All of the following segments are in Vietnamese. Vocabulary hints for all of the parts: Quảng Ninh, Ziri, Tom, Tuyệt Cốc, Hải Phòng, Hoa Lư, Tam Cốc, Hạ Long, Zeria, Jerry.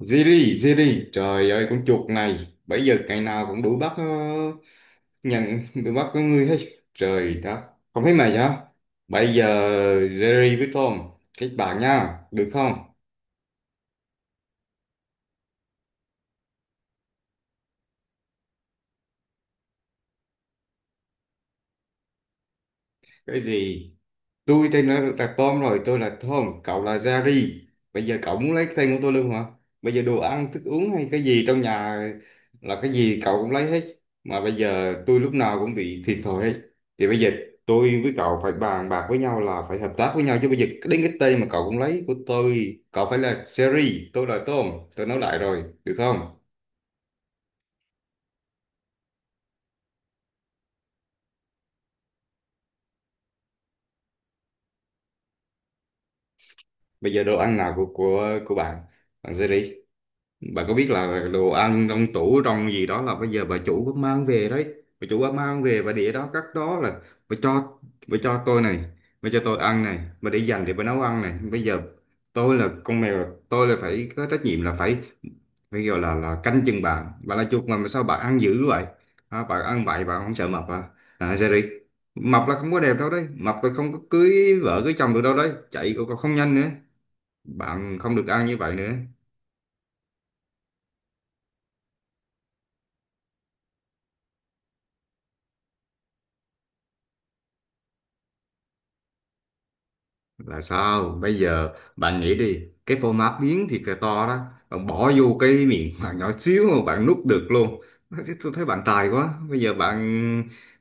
Ziri, Ziri, trời ơi con chuột này, bây giờ ngày nào cũng đuổi bắt nhận đuổi bắt con người hết. Trời đất, không thấy mày hả? Bây giờ Ziri với Tom kết bạn nha, được không? Cái gì? Tôi tên là Tom, rồi tôi là Tom, cậu là Jerry. Bây giờ cậu muốn lấy cái tên của tôi luôn hả? Bây giờ đồ ăn thức uống hay cái gì trong nhà là cái gì cậu cũng lấy hết, mà bây giờ tôi lúc nào cũng bị thiệt thòi hết. Thì bây giờ tôi với cậu phải bàn bạc với nhau, là phải hợp tác với nhau chứ. Bây giờ đến cái tên mà cậu cũng lấy của tôi, cậu phải là Jerry, tôi là Tom. Tôi nói lại rồi, được không? Bây giờ đồ ăn nào của bạn, bạn Jerry, bà có biết là đồ ăn trong tủ trong gì đó là bây giờ bà chủ có mang về đấy. Bà chủ có mang về và để đó cắt đó, là bà cho, bà cho tôi này, bà cho tôi ăn này, bà để dành để bà nấu ăn này. Bây giờ tôi là con mèo, tôi là phải có trách nhiệm là phải, phải gọi là canh chừng bà. Bà là chuột mà sao bà ăn dữ vậy? À, bà ăn bậy bà không sợ mập à? À Jerry, mập là không có đẹp đâu đấy, mập là không có cưới vợ cưới chồng được đâu đấy, chạy cũng không nhanh nữa. Bạn không được ăn như vậy nữa. Là sao bây giờ? Bạn nghĩ đi, cái format biến thiệt là to đó, bạn bỏ vô cái miệng bạn nhỏ xíu mà bạn nuốt được luôn. Thế tôi thấy bạn tài quá. Bây giờ bạn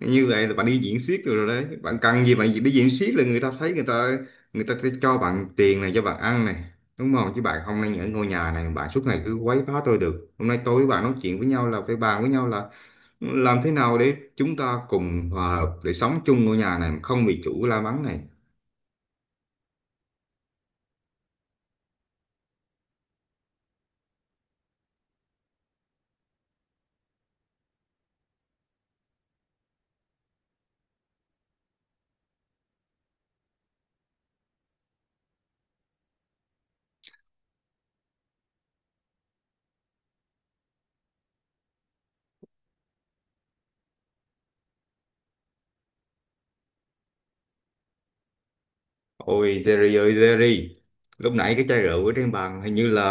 như vậy là bạn đi diễn xiếc rồi đấy, bạn cần gì, bạn đi diễn xiếc là người ta thấy, người ta sẽ cho bạn tiền này, cho bạn ăn này, đúng không? Chứ bạn không nên ở ngôi nhà này bạn suốt ngày cứ quấy phá tôi được. Hôm nay tôi với bạn nói chuyện với nhau là phải bàn với nhau là làm thế nào để chúng ta cùng hòa hợp để sống chung ngôi nhà này không bị chủ la mắng này. Ôi Jerry ơi Jerry, lúc nãy cái chai rượu ở trên bàn hình như là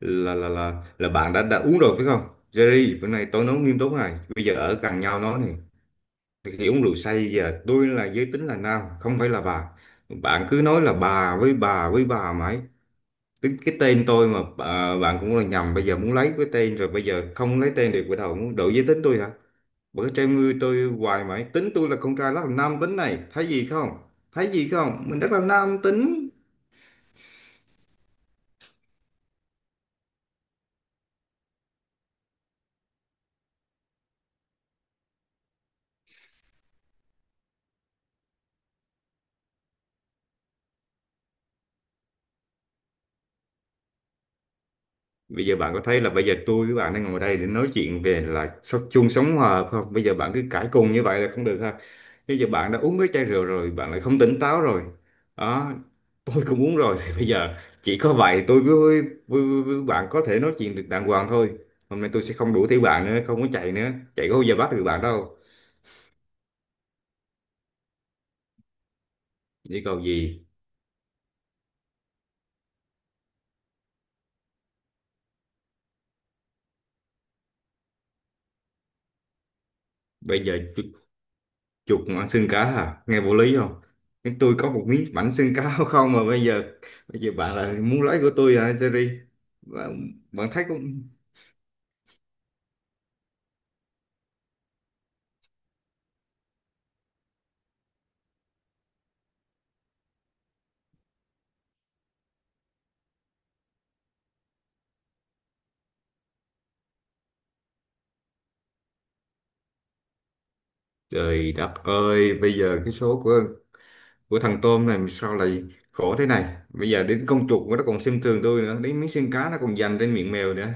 là bạn đã uống rồi phải không? Jerry, bữa nay tôi nói nghiêm túc này, bây giờ ở gần nhau nói này, khi uống rượu say, giờ tôi là giới tính là nam, không phải là bà. Bạn cứ nói là bà với bà với bà mãi. Cái tên tôi mà bạn cũng là nhầm. Bây giờ muốn lấy cái tên rồi, bây giờ không lấy tên được, bắt đầu muốn đổi giới tính tôi hả? Bữa treo ngươi tôi hoài mãi, tính tôi là con trai rất là nam tính này, thấy gì không? Thấy gì không, mình rất là nam tính. Bây giờ bạn có thấy là bây giờ tôi với bạn đang ngồi đây để nói chuyện về là sống chung sống hòa không? Bây giờ bạn cứ cãi cùn như vậy là không được ha. Bây giờ bạn đã uống mấy chai rượu rồi, bạn lại không tỉnh táo rồi. Đó, tôi cũng uống rồi thì bây giờ chỉ có vậy tôi với bạn có thể nói chuyện được đàng hoàng thôi. Hôm nay tôi sẽ không đuổi theo bạn nữa, không có chạy nữa. Chạy có bao giờ bắt được bạn đâu. Chỉ cầu gì? Bây giờ tôi, chuột mà ăn xương cá hả, nghe vô lý không? Nhưng tôi có một miếng bánh xương cá không, mà bây giờ, bây giờ bạn là muốn lấy của tôi hả Jerry? Bạn thấy cũng, trời đất ơi, bây giờ cái số của thằng tôm này sao lại khổ thế này, bây giờ đến con chuột nó còn xem thường tôi nữa, đến miếng xương cá nó còn giành trên miệng mèo nữa.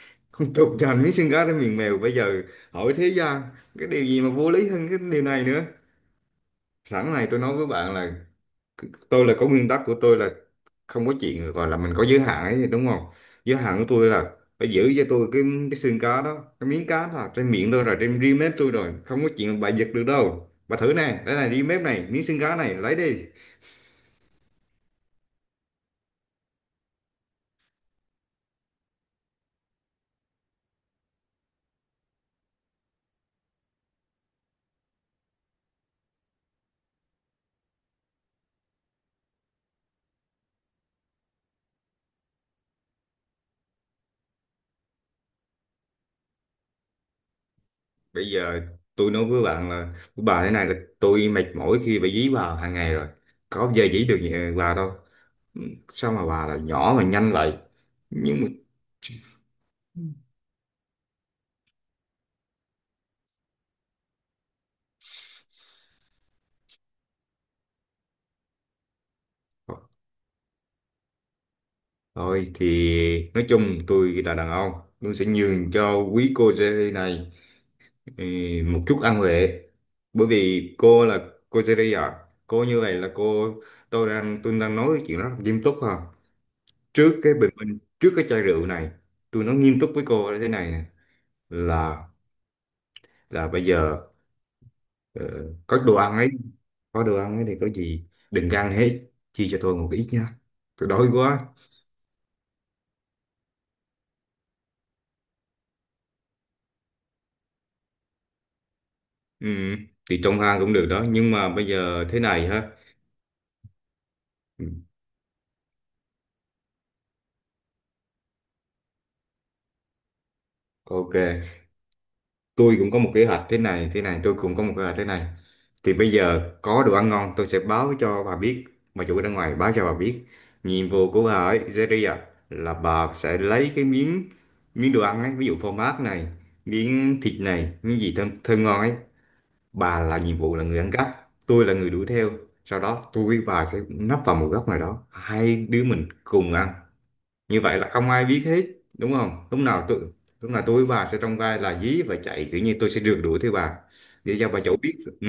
Con chuột giành miếng xương cá trên miệng mèo, bây giờ hỏi thế gian cái điều gì mà vô lý hơn cái điều này nữa. Sẵn này tôi nói với bạn là, tôi là có nguyên tắc của tôi là không có chuyện gọi là mình có giới hạn ấy, đúng không? Giới hạn của tôi là phải giữ cho tôi cái xương cá đó, cái miếng cá đó là trên miệng tôi rồi, trên ri mép tôi rồi, không có chuyện bà giật được đâu. Bà thử nè, đây này, ri mép này, miếng xương cá này, lấy đi. Bây giờ tôi nói với bạn là, với bà thế này là, tôi mệt mỏi khi phải dí bà hàng ngày rồi. Có bao giờ dí được nhà bà đâu. Ừ, sao mà bà là nhỏ mà nhanh vậy? Nhưng mà, thôi thì nói chung tôi là đàn ông, tôi sẽ nhường cho quý cô Jerry này, ừ, một chút ân huệ. Bởi vì cô là, cô Jerry à, cô như vậy là cô, tôi đang nói chuyện rất là nghiêm túc ha. Trước cái bình minh, trước cái chai rượu này, tôi nói nghiêm túc với cô là thế này nè, là là bây giờ, ờ, có đồ ăn ấy, có đồ ăn ấy thì có gì đừng ăn hết, chia cho tôi một ít nha. Tôi đói quá. Ừ, thì trong hang cũng được đó, nhưng mà bây giờ thế này ha. Ok, tôi cũng có một kế hoạch thế này, tôi cũng có một kế hoạch thế này. Thì bây giờ có đồ ăn ngon tôi sẽ báo cho bà biết, bà chủ ở bên ngoài báo cho bà biết. Nhiệm vụ của bà ấy, Zeria, là bà sẽ lấy cái miếng, miếng đồ ăn ấy, ví dụ phô mát này, miếng thịt này, miếng gì thơm, thơm ngon ấy. Bà là nhiệm vụ là người ăn cắp, tôi là người đuổi theo. Sau đó tôi với bà sẽ nấp vào một góc nào đó, hai đứa mình cùng ăn, như vậy là không ai biết hết, đúng không? Lúc nào tôi với bà sẽ trong vai là dí và chạy, kiểu như tôi sẽ rượt đuổi theo bà để cho bà chỗ biết. Ừ,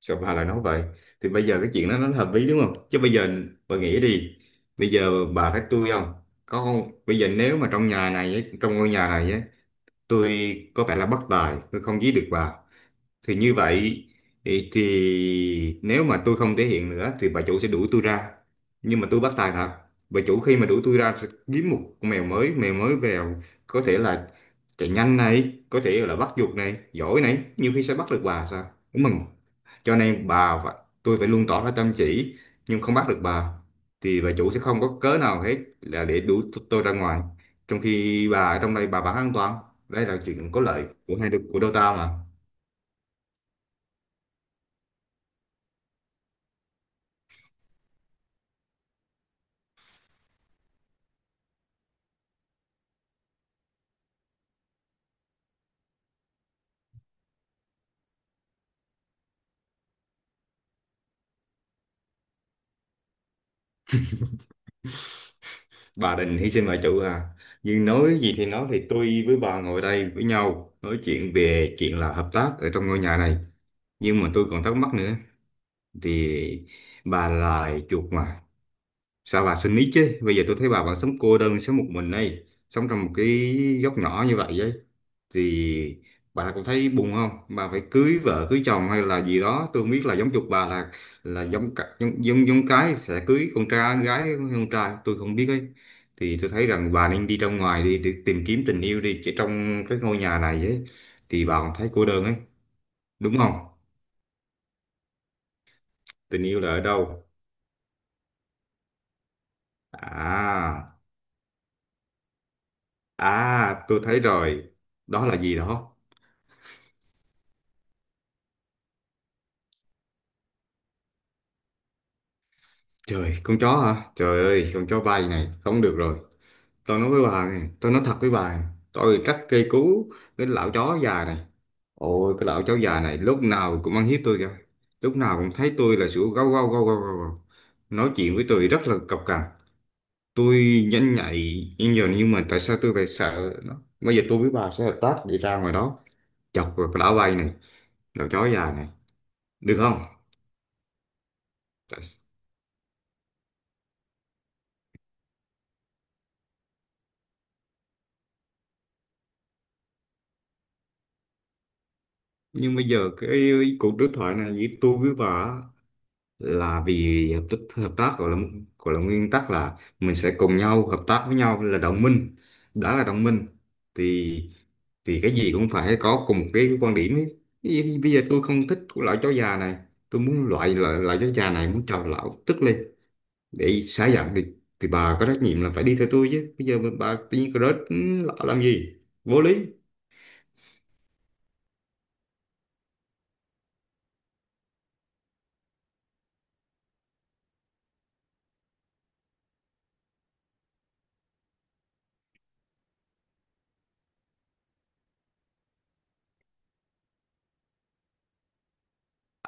sao bà lại nói vậy? Thì bây giờ cái chuyện đó nó hợp lý, đúng không? Chứ bây giờ bà nghĩ đi, bây giờ bà thấy tôi không có không. Bây giờ nếu mà trong nhà này ấy, trong ngôi nhà này ấy, tôi có vẻ là bất tài, tôi không dí được bà, thì như vậy thì nếu mà tôi không thể hiện nữa thì bà chủ sẽ đuổi tôi ra. Nhưng mà tôi bắt tài thật. Bà chủ khi mà đuổi tôi ra sẽ kiếm một con mèo mới vào có thể là chạy nhanh này, có thể là bắt giục này, giỏi này, nhiều khi sẽ bắt được bà sao? Đúng không? Cho nên bà và tôi phải luôn tỏ ra chăm chỉ nhưng không bắt được bà, thì bà chủ sẽ không có cớ nào hết là để đuổi tôi ra ngoài. Trong khi bà ở trong đây bà vẫn an toàn. Đây là chuyện có lợi của hai đứa, của đôi ta mà. Bà định hy sinh bà chủ à? Nhưng nói gì thì nói, thì tôi với bà ngồi đây với nhau nói chuyện về chuyện là hợp tác ở trong ngôi nhà này, nhưng mà tôi còn thắc mắc nữa. Thì bà là chuột mà, sao bà xin ý chứ? Bây giờ tôi thấy bà vẫn sống cô đơn, sống một mình đây, sống trong một cái góc nhỏ như vậy ấy, thì bà cũng thấy buồn không? Bà phải cưới vợ cưới chồng hay là gì đó, tôi không biết là giống chục bà là giống giống giống cái sẽ cưới con trai gái hay con trai tôi không biết ấy. Thì tôi thấy rằng bà nên đi ra ngoài đi để tìm kiếm tình yêu đi, chỉ trong cái ngôi nhà này ấy thì bà cũng thấy cô đơn ấy, đúng không? Tình yêu là ở đâu? À, à, tôi thấy rồi. Đó là gì đó? Trời, con chó hả? Trời ơi, con chó bay này, không được rồi. Tôi nói với bà này, tôi nói thật với bà này, tôi rất cây cú cái lão chó già này. Ôi, cái lão chó già này lúc nào cũng ăn hiếp tôi kìa. Lúc nào cũng thấy tôi là sủa gâu gâu gâu gâu gâu. Gâu. Nói chuyện với tôi rất là cộc cằn. Tôi nhanh nhạy, nhưng giờ, nhưng mà tại sao tôi phải sợ nó? Bây giờ tôi với bà sẽ hợp tác đi ra ngoài đó, chọc vào cái lão bay này, lão chó già này, được không? Tại- nhưng bây giờ cái cuộc đối thoại này với tôi với bà là vì hợp tác gọi là, gọi là nguyên tắc là mình sẽ cùng nhau hợp tác với nhau là đồng minh. Đã là đồng minh thì thì cái gì cũng phải có cùng một cái quan điểm ấy. Bây giờ tôi không thích của loại chó già này, tôi muốn loại loại, loại chó già này muốn cho lão tức lên để xả giận, thì bà có trách nhiệm là phải đi theo tôi chứ. Bây giờ bà tự nhiên rớt lão làm gì, vô lý.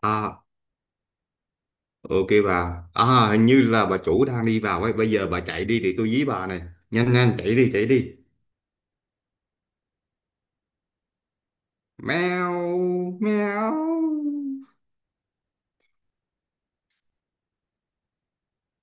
À, ok bà à, hình như là bà chủ đang đi vào ấy, bây giờ bà chạy đi để tôi dí bà này, nhanh nhanh chạy đi chạy đi. Mèo, mèo.